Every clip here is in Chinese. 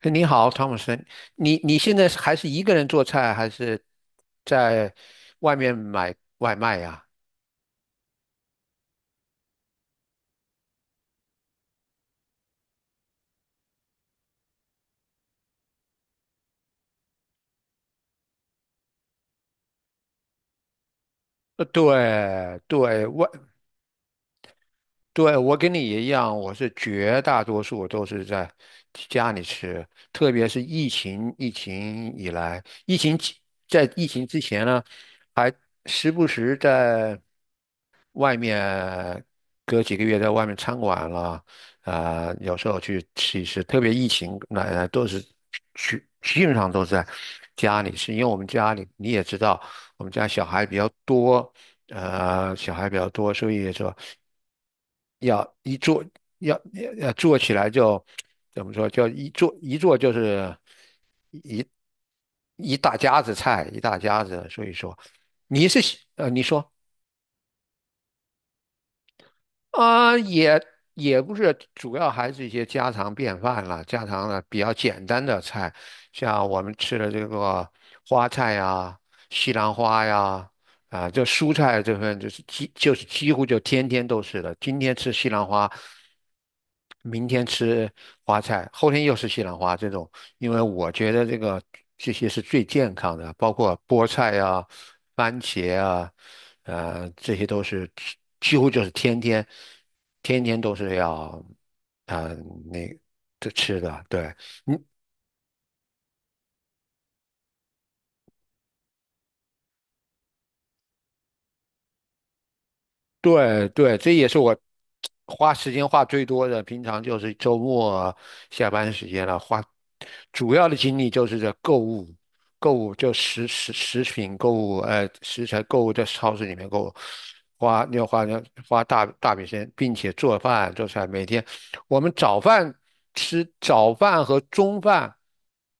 哎你好，汤姆森，你现在是还是一个人做菜，还是在外面买外卖呀？对对，外对，我跟你一样，我是绝大多数都是在家里吃，特别是疫情以来，疫情期在疫情之前呢，还时不时在外面隔几个月在外面餐馆了，啊、有时候去吃一吃，特别疫情那、都是去基本上都是在家里吃，因为我们家里你也知道，我们家小孩比较多。小孩比较多，所以说要一做要要做起来就怎么说，就一做就是一大家子菜，一大家子。所以说你是喜呃，你说啊、也不是，主要还是一些家常便饭了，家常的比较简单的菜，像我们吃的这个花菜呀、西兰花呀。啊，就蔬菜这份就是几乎就天天都是的，今天吃西兰花，明天吃花菜，后天又是西兰花这种。因为我觉得这个这些是最健康的，包括菠菜啊、番茄啊，这些都是几乎就是天天都是要啊、那这吃的。对，你对对，这也是我花时间花最多的。平常就是周末下班时间了，花主要的精力就是在购物，购物就食品购物，食材购物在超市里面购物，花要花大笔时间，并且做饭做菜。每天我们吃早饭和中饭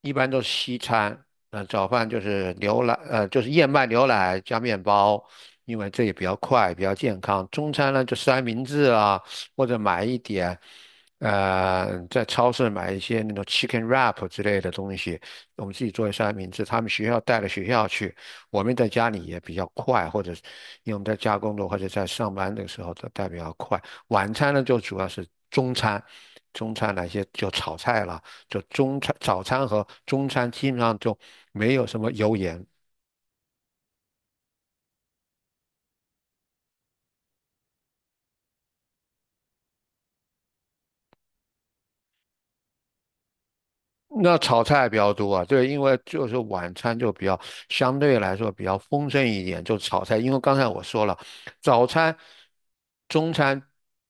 一般都是西餐，那早饭就是牛奶，就是燕麦牛奶加面包，因为这也比较快，比较健康。中餐呢就三明治啊，或者买一点，在超市买一些那种 chicken wrap 之类的东西，我们自己做三明治。他们学校带到学校去，我们在家里也比较快，或者是因为我们在家工作或者在上班的时候都带比较快。晚餐呢就主要是中餐，中餐来些就炒菜啦。就中餐、早餐和中餐基本上就没有什么油盐。那炒菜比较多啊，对，因为就是晚餐就比较相对来说比较丰盛一点，就炒菜。因为刚才我说了，早餐、中餐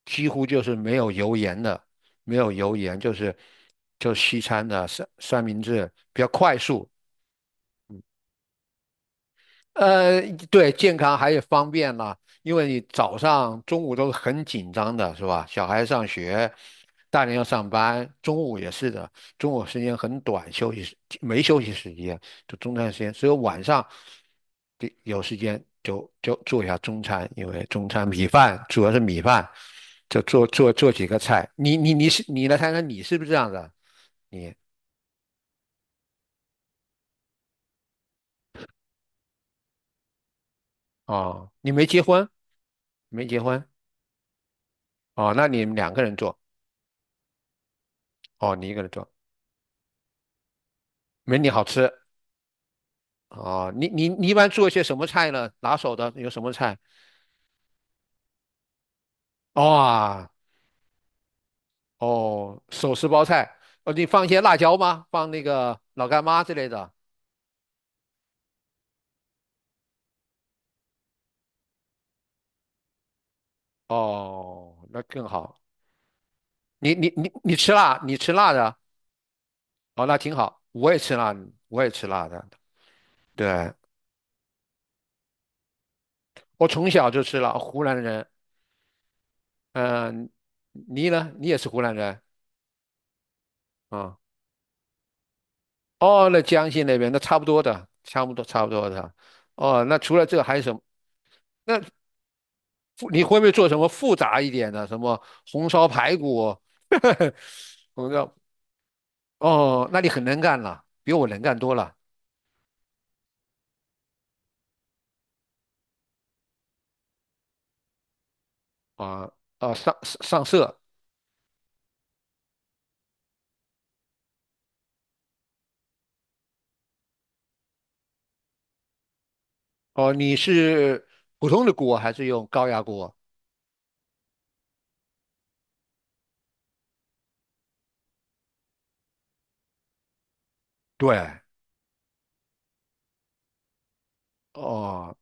几乎就是没有油盐的，没有油盐就是就西餐的三明治比较快速，呃，对，健康还有方便啦，因为你早上、中午都是很紧张的，是吧？小孩上学，大人要上班，中午也是的，中午时间很短，休息时没休息时间，就中餐时间，所以晚上给有时间就就做一下中餐，因为中餐米饭主要是米饭，就做几个菜。你你来看看你是不是这样的？你哦，你没结婚，没结婚哦，那你们两个人做哦，你一个人做。没你好吃啊！你一般做一些什么菜呢？拿手的有什么菜？哇哦，手撕包菜哦，你放一些辣椒吗？放那个老干妈之类的哦，那更好。你吃辣，你吃辣的哦，那挺好。我也吃辣，我也吃辣的。对，我从小就吃辣，湖南人。嗯、你呢？你也是湖南人啊？哦，那江西那边那差不多的，差不多差不多的。哦，那除了这个还有什么？那你会不会做什么复杂一点的，什么红烧排骨？红烧哦，那你很能干了，比我能干多了啊啊！上上色哦，你是普通的锅还是用高压锅？对，哦，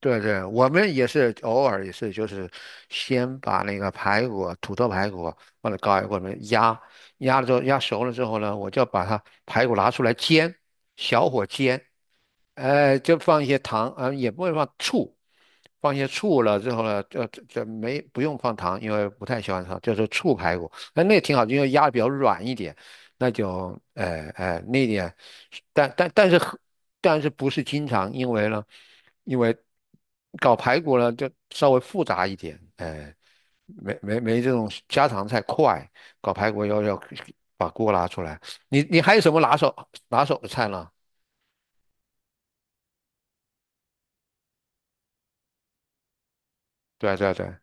对对，我们也是偶尔也是，就是先把那个排骨、土豆排骨放在高压锅里面压，压了之后压熟了之后呢，我就把它排骨拿出来煎，小火煎，就放一些糖，啊、也不会放醋，放一些醋了之后呢，就就这没不用放糖，因为不太喜欢糖，就是醋排骨，那那挺好，因为压的比较软一点，那就那点，但但但是很但是不是经常，因为呢，因为搞排骨呢就稍微复杂一点，哎、没这种家常菜快，搞排骨要把锅拿出来，你你还有什么拿手的菜呢？对啊对啊对啊。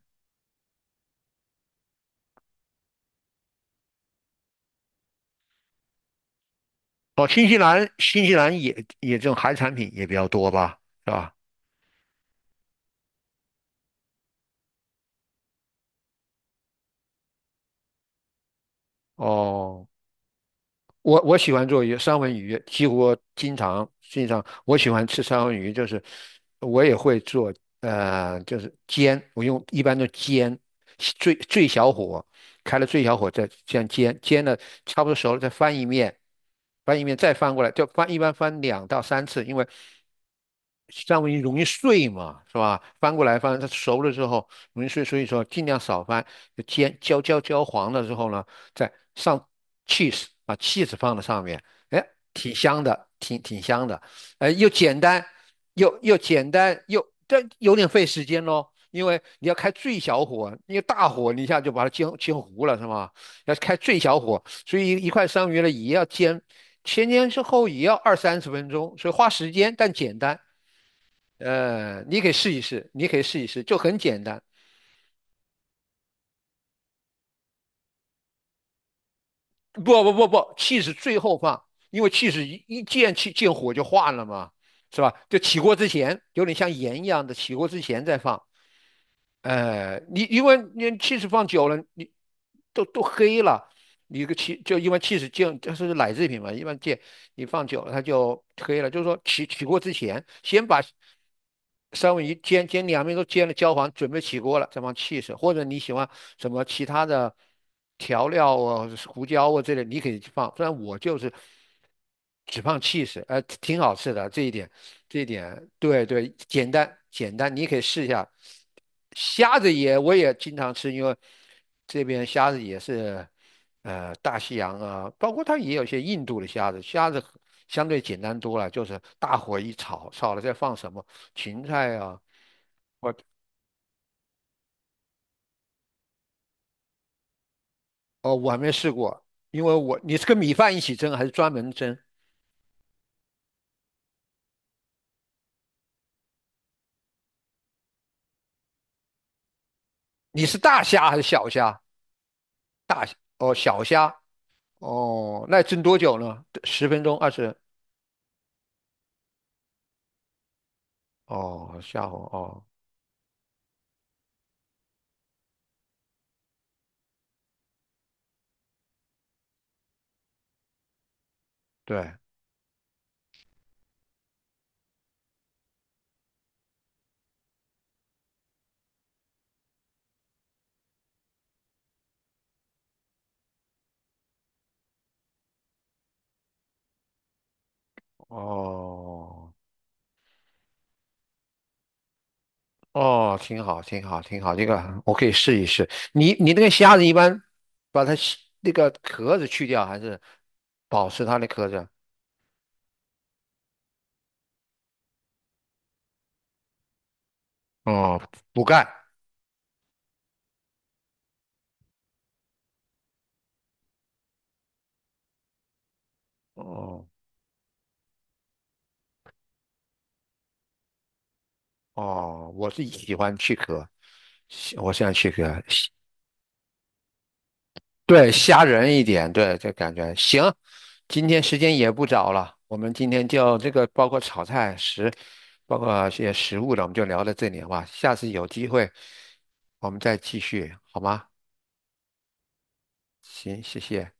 哦，新西兰，新西兰也也这种海产品也比较多吧，是吧？哦。我我喜欢做鱼，三文鱼，几乎经常我喜欢吃三文鱼，就是我也会做，就是煎，我用一般都煎，最小火，开了最小火再这样煎，煎了差不多熟了再翻一面，翻一面再翻过来，就翻一般翻2 到 3 次，因为三文鱼容易碎嘛，是吧？翻过来翻，它熟了之后容易碎，所以说尽量少翻，就煎焦黄了之后呢。再上 cheese,把 cheese 放在上面，哎，挺香的，挺香的，哎，又简单，又简单又，但有点费时间咯，因为你要开最小火，因为大火你一下就把它煎糊了，是吗？要开最小火，所以一块生鱼呢也要煎，前煎之后也要20 到 30 分钟，所以花时间但简单。你可以试一试，你可以试一试，就很简单。不，气是最后放，因为气是一见气见火就化了嘛，是吧？就起锅之前，有点像盐一样的，起锅之前再放。你因为你气是放久了，你都黑了，你个气就因为气是见，就是奶制品嘛，一般见你放久了它就黑了。就是说起锅之前，先把三文鱼煎两面都煎了焦黄，准备起锅了，再放气色，或者你喜欢什么其他的调料啊、胡椒啊之类，你可以去放。不然我就是只放气， 挺好吃的这一点，这一点对对，简单简单，你可以试一下。虾子也我也经常吃，因为这边虾子也是大西洋啊，包括它也有些印度的虾子，虾子。相对简单多了，就是大火一炒，炒了再放什么，芹菜啊，我哦我还没试过，因为我你是跟米饭一起蒸还是专门蒸？你是大虾还是小虾？大虾哦小虾哦，那蒸多久呢？10 分钟 20哦虾红哦对哦哦挺好挺好挺好，这个我可以试一试。你你那个虾子一般把它洗那个壳子去掉还是保持它的壳子？哦补钙哦。哦，我是喜欢去壳，我喜欢去壳，喜对，虾仁一点，对，这感觉行。今天时间也不早了，我们今天就这个包括炒菜食，包括一些食物的，我们就聊到这里好吧？下次有机会我们再继续好吗？行，谢谢。